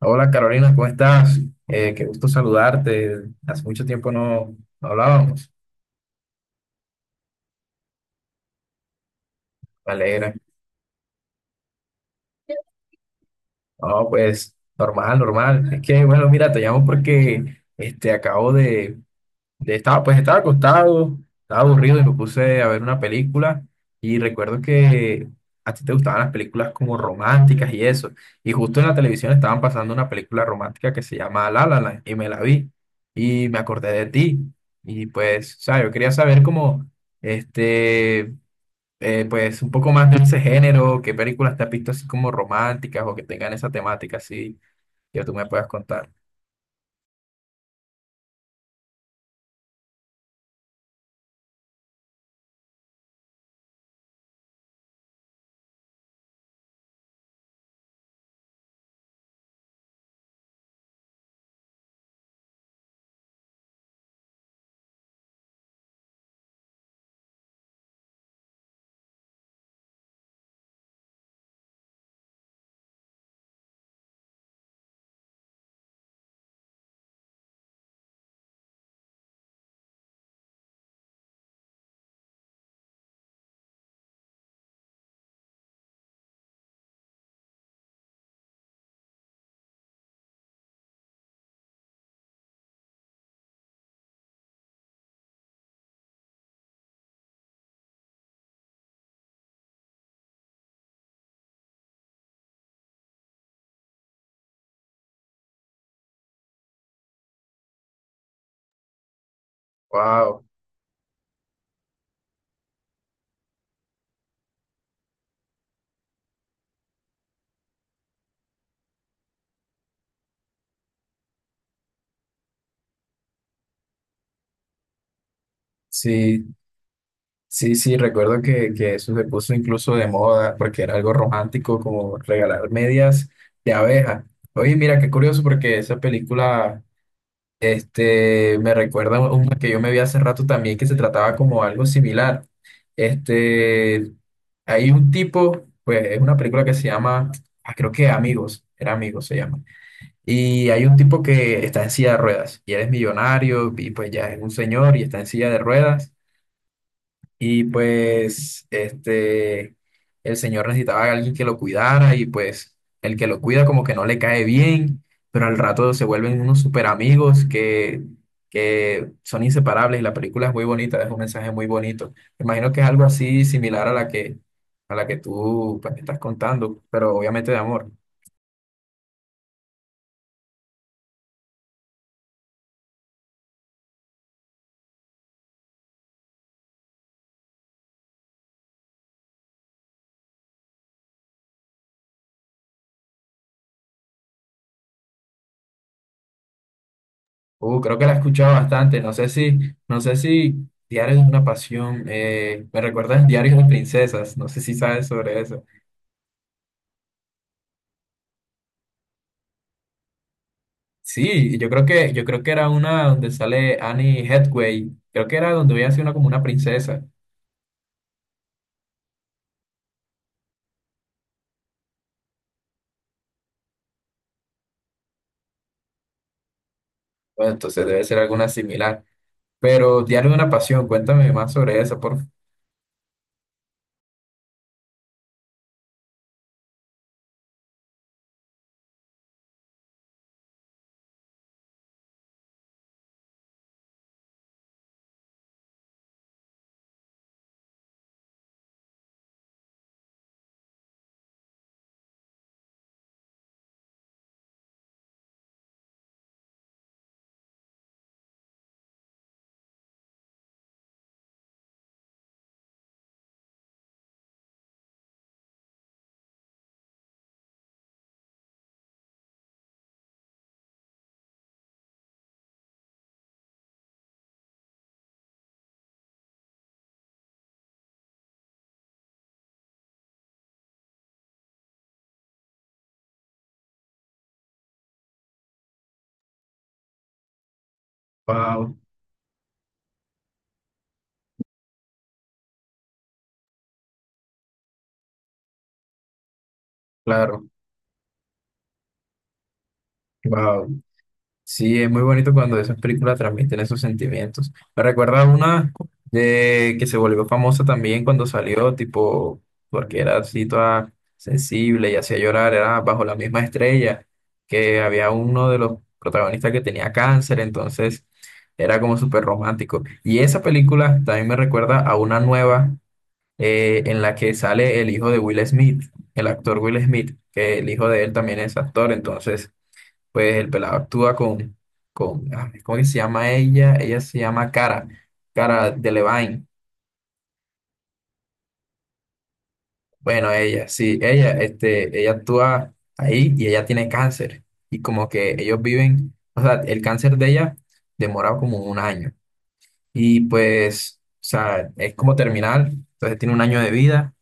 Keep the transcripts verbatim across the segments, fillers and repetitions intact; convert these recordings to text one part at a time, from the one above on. Hola Carolina, ¿cómo estás? Eh, qué gusto saludarte. Hace mucho tiempo no, no hablábamos. Me alegra. No, pues normal, normal. Es que, bueno, mira, te llamo porque este, acabo de, de- estaba, pues estaba acostado, estaba aburrido y me puse a ver una película y recuerdo que a ti te gustaban las películas como románticas y eso. Y justo en la televisión estaban pasando una película romántica que se llama La La Land y me la vi y me acordé de ti. Y pues, o sea, yo quería saber como, este, eh, pues un poco más de ese género, qué películas te has visto así como románticas o que tengan esa temática así que tú me puedas contar. Wow, sí. Sí, sí, recuerdo que, que eso se puso incluso de moda porque era algo romántico como regalar medias de abeja. Oye, mira, qué curioso porque esa película este, me recuerda a una que yo me vi hace rato también que se trataba como algo similar. Este, Hay un tipo, pues es una película que se llama, ah, creo que Amigos, era Amigos se llama. Y hay un tipo que está en silla de ruedas y él es millonario y pues ya es un señor y está en silla de ruedas. Y pues este, el señor necesitaba a alguien que lo cuidara y pues el que lo cuida como que no le cae bien, pero al rato se vuelven unos super amigos que, que son inseparables y la película es muy bonita, es un mensaje muy bonito. Me imagino que es algo así similar a la que, a la que tú pues, estás contando, pero obviamente de amor. Uh, creo que la he escuchado bastante, no sé si, no sé si Diarios de una pasión, eh, me recuerdas Diarios de princesas, no sé si sabes sobre eso. Sí, yo creo que, yo creo que era una donde sale Annie Hathaway. Creo que era donde a sido una como una princesa. Bueno, entonces debe ser alguna similar. Pero Diario de una Pasión, cuéntame más sobre esa, por favor. Wow, claro. Wow. Sí, es muy bonito cuando esas películas transmiten esos sentimientos. Me recuerda una de que se volvió famosa también cuando salió, tipo, porque era así toda sensible y hacía llorar, era Bajo la Misma Estrella, que había uno de los protagonistas que tenía cáncer, entonces era como súper romántico. Y esa película también me recuerda a una nueva eh, en la que sale el hijo de Will Smith, el actor Will Smith, que el hijo de él también es actor, entonces pues el pelado actúa con, con, ah, ¿cómo que se llama ella? Ella se llama Cara, Cara Delevingne. Bueno, ella, sí, ella, este, ella actúa ahí y ella tiene cáncer. Y como que ellos viven, o sea, el cáncer de ella demora como un año. Y pues, o sea, es como terminal, entonces tiene un año de vida.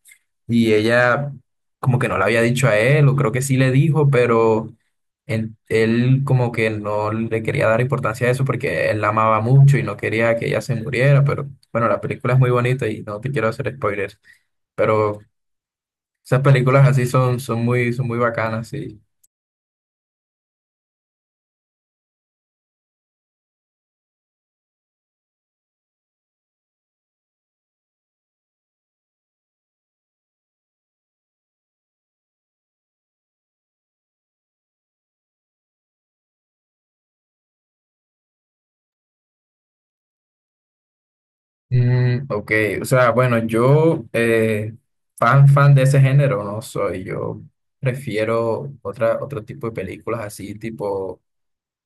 Y ella como que no le había dicho a él, o creo que sí le dijo, pero él, él como que no le quería dar importancia a eso porque él la amaba mucho y no quería que ella se muriera, pero bueno, la película es muy bonita y no te quiero hacer spoilers, pero esas películas así son, son muy, son muy bacanas, sí. Mm, ok, o sea, bueno, yo eh, fan, fan de ese género no soy, yo prefiero otra, otro tipo de películas así, tipo.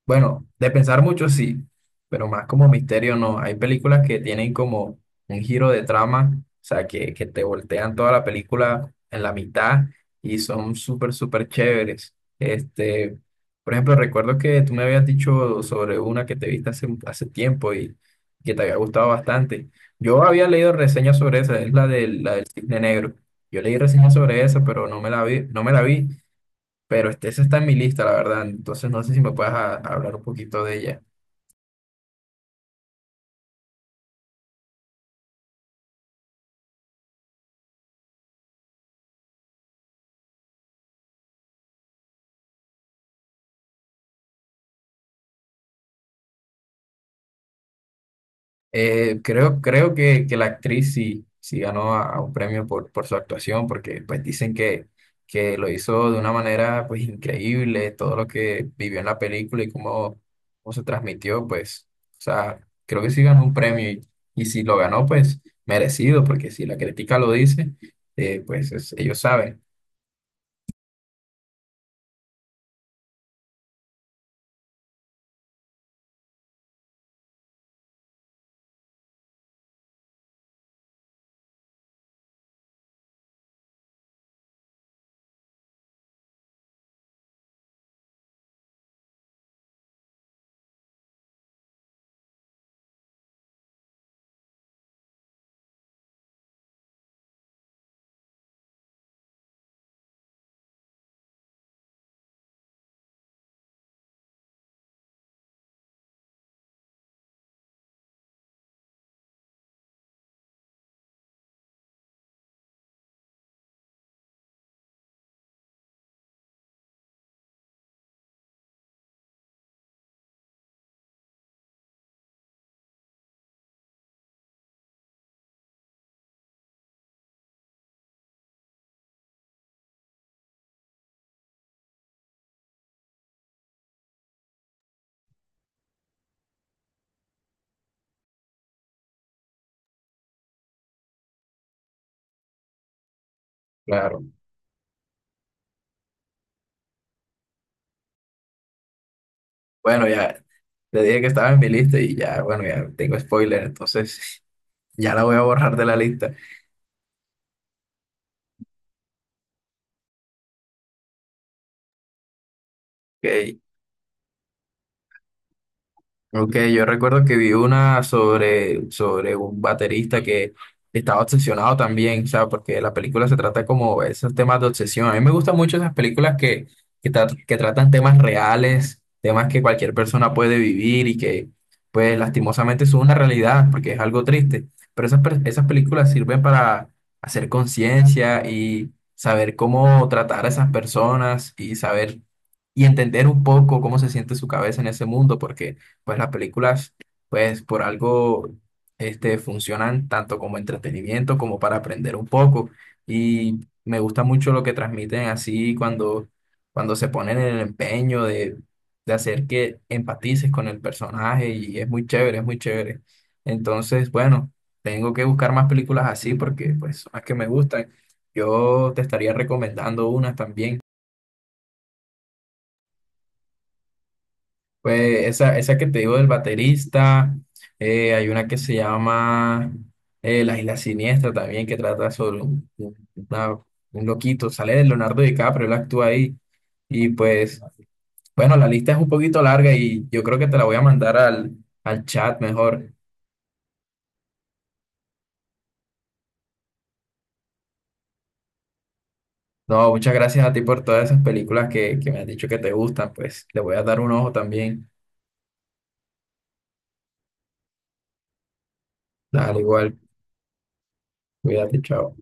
Bueno, de pensar mucho sí, pero más como misterio no. Hay películas que tienen como un giro de trama, o sea, que, que te voltean toda la película en la mitad y son súper, súper chéveres. Este, por ejemplo, recuerdo que tú me habías dicho sobre una que te viste hace, hace tiempo y que te había gustado bastante. Yo había leído reseñas sobre esa, es la del, la del Cisne Negro. Yo leí reseñas sobre esa, pero no me la vi, no me la vi, pero este, esa está en mi lista, la verdad. Entonces no sé si me puedes a- hablar un poquito de ella. Eh, creo, creo que, que la actriz sí, sí ganó a, a un premio por, por su actuación, porque pues dicen que, que lo hizo de una manera pues increíble, todo lo que vivió en la película y cómo, cómo se transmitió, pues, o sea, creo que sí ganó un premio y, y si lo ganó, pues merecido, porque si la crítica lo dice, eh, pues es- ellos saben, claro. Bueno, ya le dije que estaba en mi lista y ya, bueno, ya tengo spoiler, entonces ya la voy a borrar de la lista. Ok, ok, yo recuerdo que vi una sobre, sobre un baterista que estaba obsesionado también, o sea, porque la película se trata como esos temas de obsesión. A mí me gustan mucho esas películas que, que, tra- que tratan temas reales, temas que cualquier persona puede vivir y que, pues, lastimosamente son una realidad, porque es algo triste. Pero esas, per- esas películas sirven para hacer conciencia y saber cómo tratar a esas personas y saber y entender un poco cómo se siente su cabeza en ese mundo, porque pues las películas, pues por algo, este, funcionan tanto como entretenimiento como para aprender un poco. Y me gusta mucho lo que transmiten así cuando, cuando se ponen en el empeño de, de hacer que empatices con el personaje y es muy chévere, es muy chévere. Entonces, bueno, tengo que buscar más películas así porque pues son las que me gustan. Yo te estaría recomendando unas también. Pues esa, esa que te digo del baterista, eh, hay una que se llama eh, La Isla Siniestra también, que trata sobre un, un- una- un loquito, sale de Leonardo DiCaprio, él actúa ahí. Y pues, bueno, la lista es un poquito larga y yo creo que te la voy a mandar al, al chat mejor. No, muchas gracias a ti por todas esas películas que, que me has dicho que te gustan, pues le voy a dar un ojo también. Dale, igual, cuídate, chao.